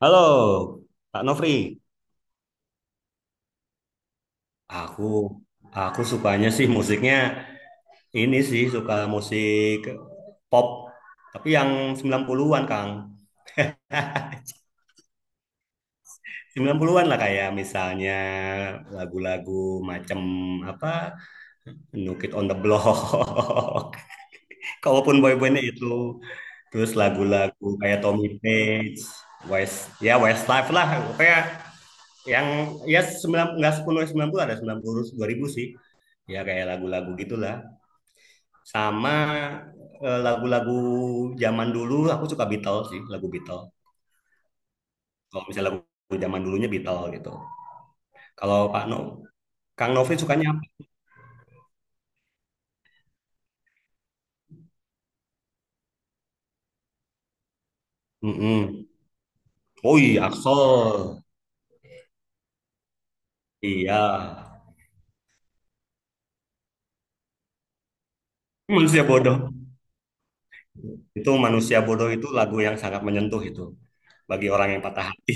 Halo, Pak Nofri. Aku aku sukanya sih musiknya ini sih suka musik pop, tapi yang 90-an, Kang. 90-an lah kayak misalnya lagu-lagu macam apa No Kid on the Block. Kalaupun boy-boynya itu terus lagu-lagu kayak Tommy Page, West ya Westlife lah kayak yang ya sembilan nggak sepuluh sembilan puluh ada sembilan puluh dua ribu sih. Ya kayak lagu-lagu gitulah. Sama lagu-lagu zaman dulu aku suka Beatles sih lagu Beatles kalau misalnya lagu zaman dulunya Beatles gitu. Kalau Pak No Kang Novi sukanya apa? Mm-mm. Oh iya, Axel. Iya manusia bodoh, itu manusia bodoh itu lagu yang sangat menyentuh itu bagi orang yang patah hati.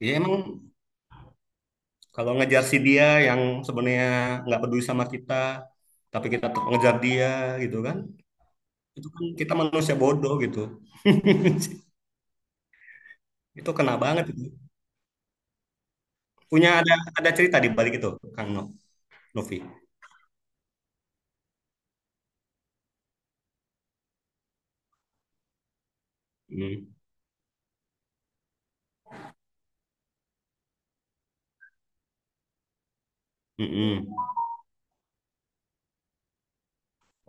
Ya emang kalau ngejar si dia yang sebenarnya nggak peduli sama kita, tapi kita tetap ngejar dia gitu kan, itu kan kita manusia bodoh gitu. Itu kena banget itu. Punya ada cerita di balik itu, Kang No, Novi. Hmm. Mm-mm.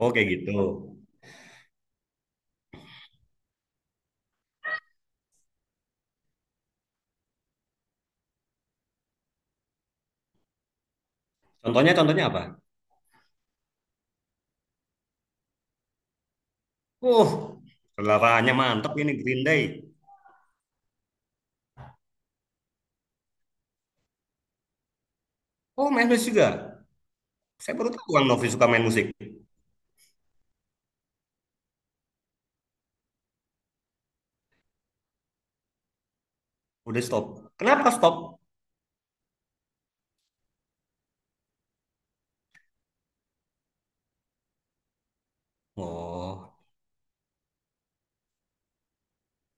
Oke gitu. Contohnya contohnya apa? Uh, seleraannya mantep ini Green Day. Oh, main musik juga. Saya baru tahu Kang Novi suka main musik. Udah stop. Kenapa stop? Oh,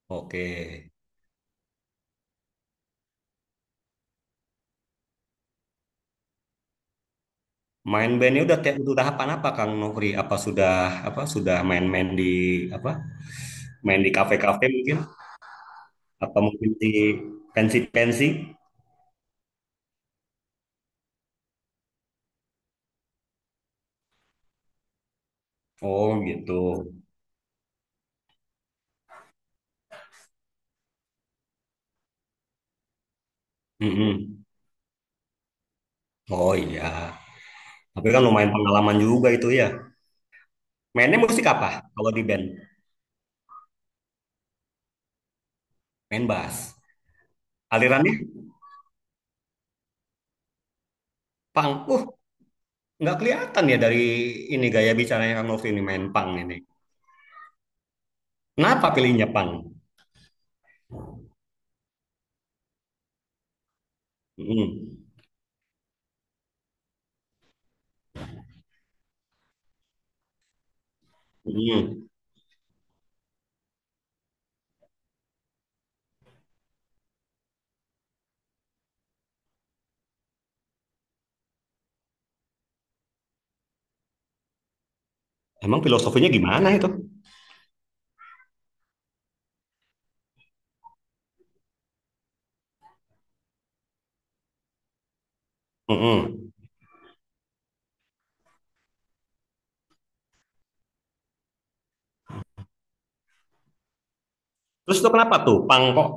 oke. Main bandnya udah kayak udah tahapan apa Kang Novi? Apa sudah, apa sudah main-main di apa? Main di kafe-kafe mungkin, atau mungkin di pensi-pensi? Oh, gitu. Mm-mm. Oh iya, tapi kan lumayan pengalaman juga itu ya. Mainnya musik apa kalau di band? Main bass. Alirannya punk. Nggak kelihatan ya dari ini gaya bicaranya Kang Novi ini main punk ini. Kenapa pilihnya punk? Mm-mm. Mm-mm. Emang filosofinya gimana itu? Mm-mm. Terus itu kenapa tuh punk kok?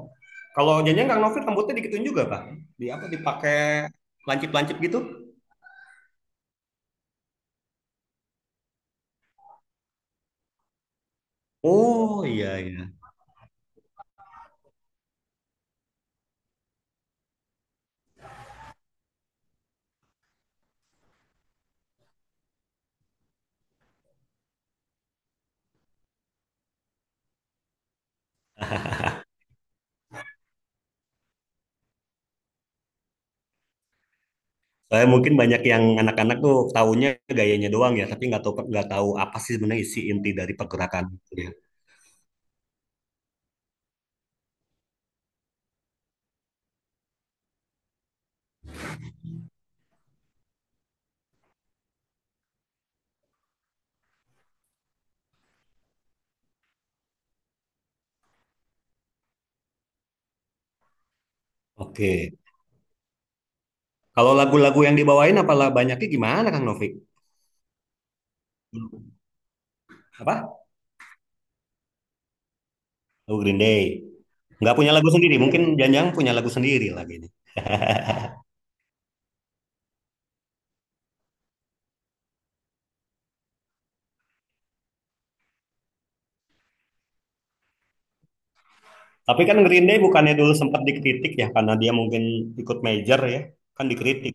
Kalau janjian Kang Novi rambutnya dikituin juga, Pak. Di apa dipakai lancip-lancip gitu? Oh iya, iya. Saya mungkin banyak yang anak-anak tuh taunya gayanya doang ya, tapi nggak tahu, nggak tahu apa sih sebenarnya isi inti dari pergerakan itu ya. Oke. Kalau lagu-lagu yang dibawain apalah banyaknya gimana Kang Novik? Apa? Lagu Green Day. Nggak punya lagu sendiri, mungkin Janjang punya lagu sendiri lagi ini. Tapi kan Green Day bukannya dulu sempat dikritik ya karena dia mungkin ikut major ya, kan dikritik.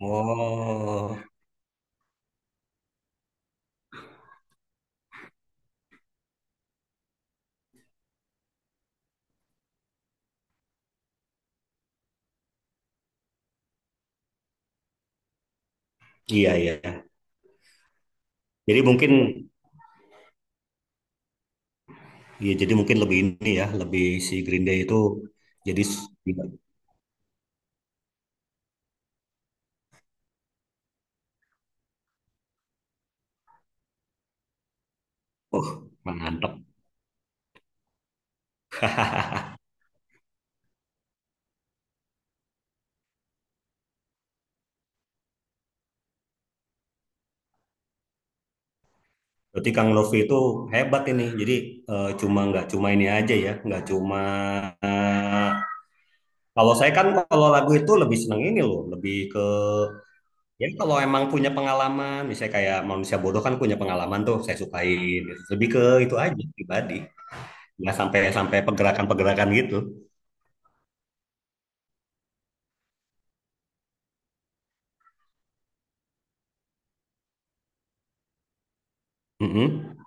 Oh, iya iya, iya. Jadi mungkin, ya jadi mungkin lebih ini ya, lebih si Green Day itu jadi Uh, mantap. Berarti Kang Novi itu hebat ini. Jadi cuma nggak cuma ini aja ya, nggak cuma eh, kalau saya kan kalau lagu itu lebih seneng ini loh, lebih ke ya kalau emang punya pengalaman, misalnya kayak manusia bodoh kan punya pengalaman tuh, saya sukain. Lebih ke itu aja pribadi, nggak sampai sampai pergerakan-pergerakan gitu. Mm-mm.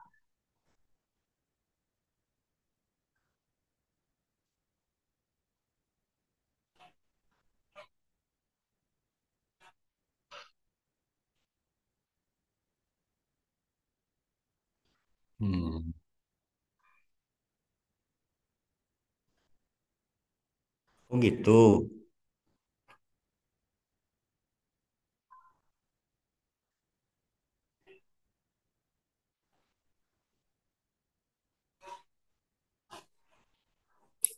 Hmm. Oh gitu.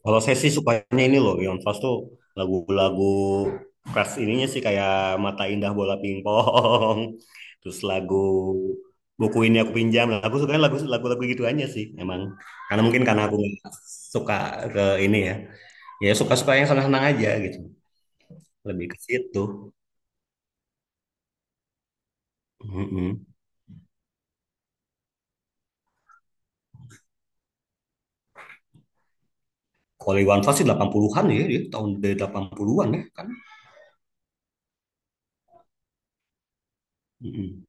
Kalau saya sih sukanya ini loh, Iwan Fals tuh lagu-lagu pras ininya sih kayak Mata Indah Bola Pingpong, terus lagu buku ini aku pinjam. Nah, aku sukanya lagu-lagu gitu aja sih, emang. Karena mungkin karena aku nggak suka ke ini ya, ya suka-suka yang senang-senang aja gitu, lebih ke situ. Mm-mm. Kalau Iwan Fals sih 80-an ya, dia tahun dari 80-an ya kan. Mm-mm.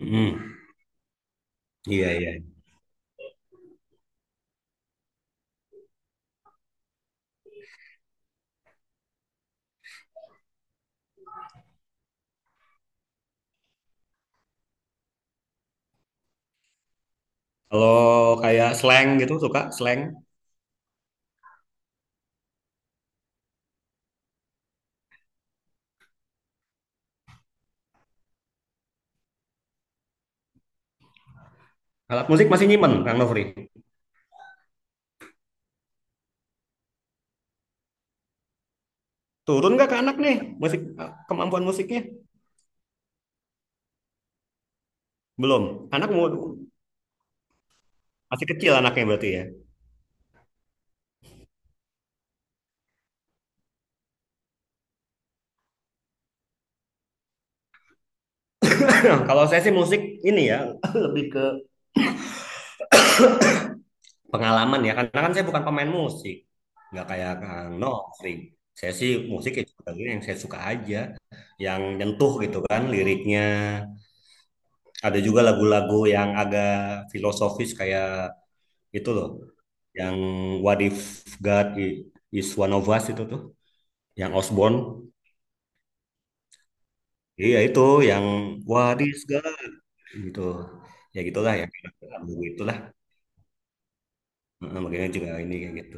Mm-mm. Iya, iya. Kalau kayak slang gitu suka slang. Alat musik masih nyimpen, Kang Nofri. Turun nggak ke anak nih musik kemampuan musiknya? Belum. Anak mau masih kecil anaknya berarti ya. Nah, kalau saya sih musik ini ya lebih ke pengalaman ya karena kan saya bukan pemain musik. Nggak kayak Kang Nofri. Saya sih musik ya yang saya suka aja, yang nyentuh gitu kan liriknya. Ada juga lagu-lagu yang agak filosofis kayak itu loh, yang What If God Is One of Us itu tuh, yang Osborne. Iya itu yang What if God gitu, ya gitulah ya, lagu itulah. Heeh, makanya juga ini kayak gitu.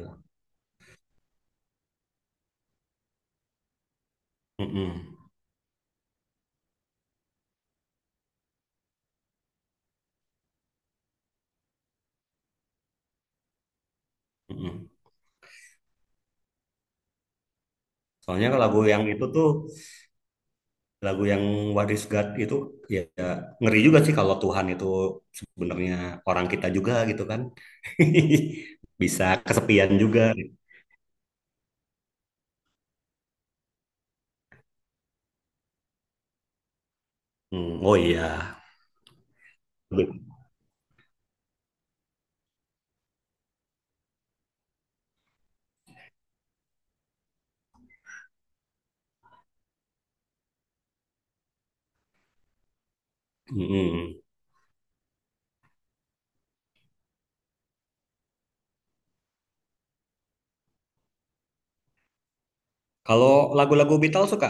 Mm-mm. Mm-mm. Soalnya kalau lagu yang itu tuh lagu yang What is God itu, ya ya, ngeri juga sih kalau Tuhan itu sebenarnya orang kita juga gitu kan, bisa kesepian juga. Mm, oh iya. Mm-mm. Kalau lagu-lagu Beatles suka,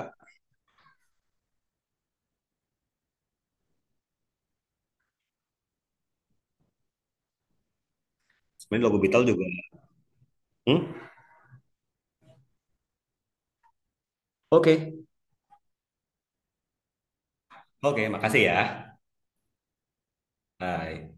sebenarnya lagu Beatles juga. Hmm? Oke. Oke, makasih ya. Bye.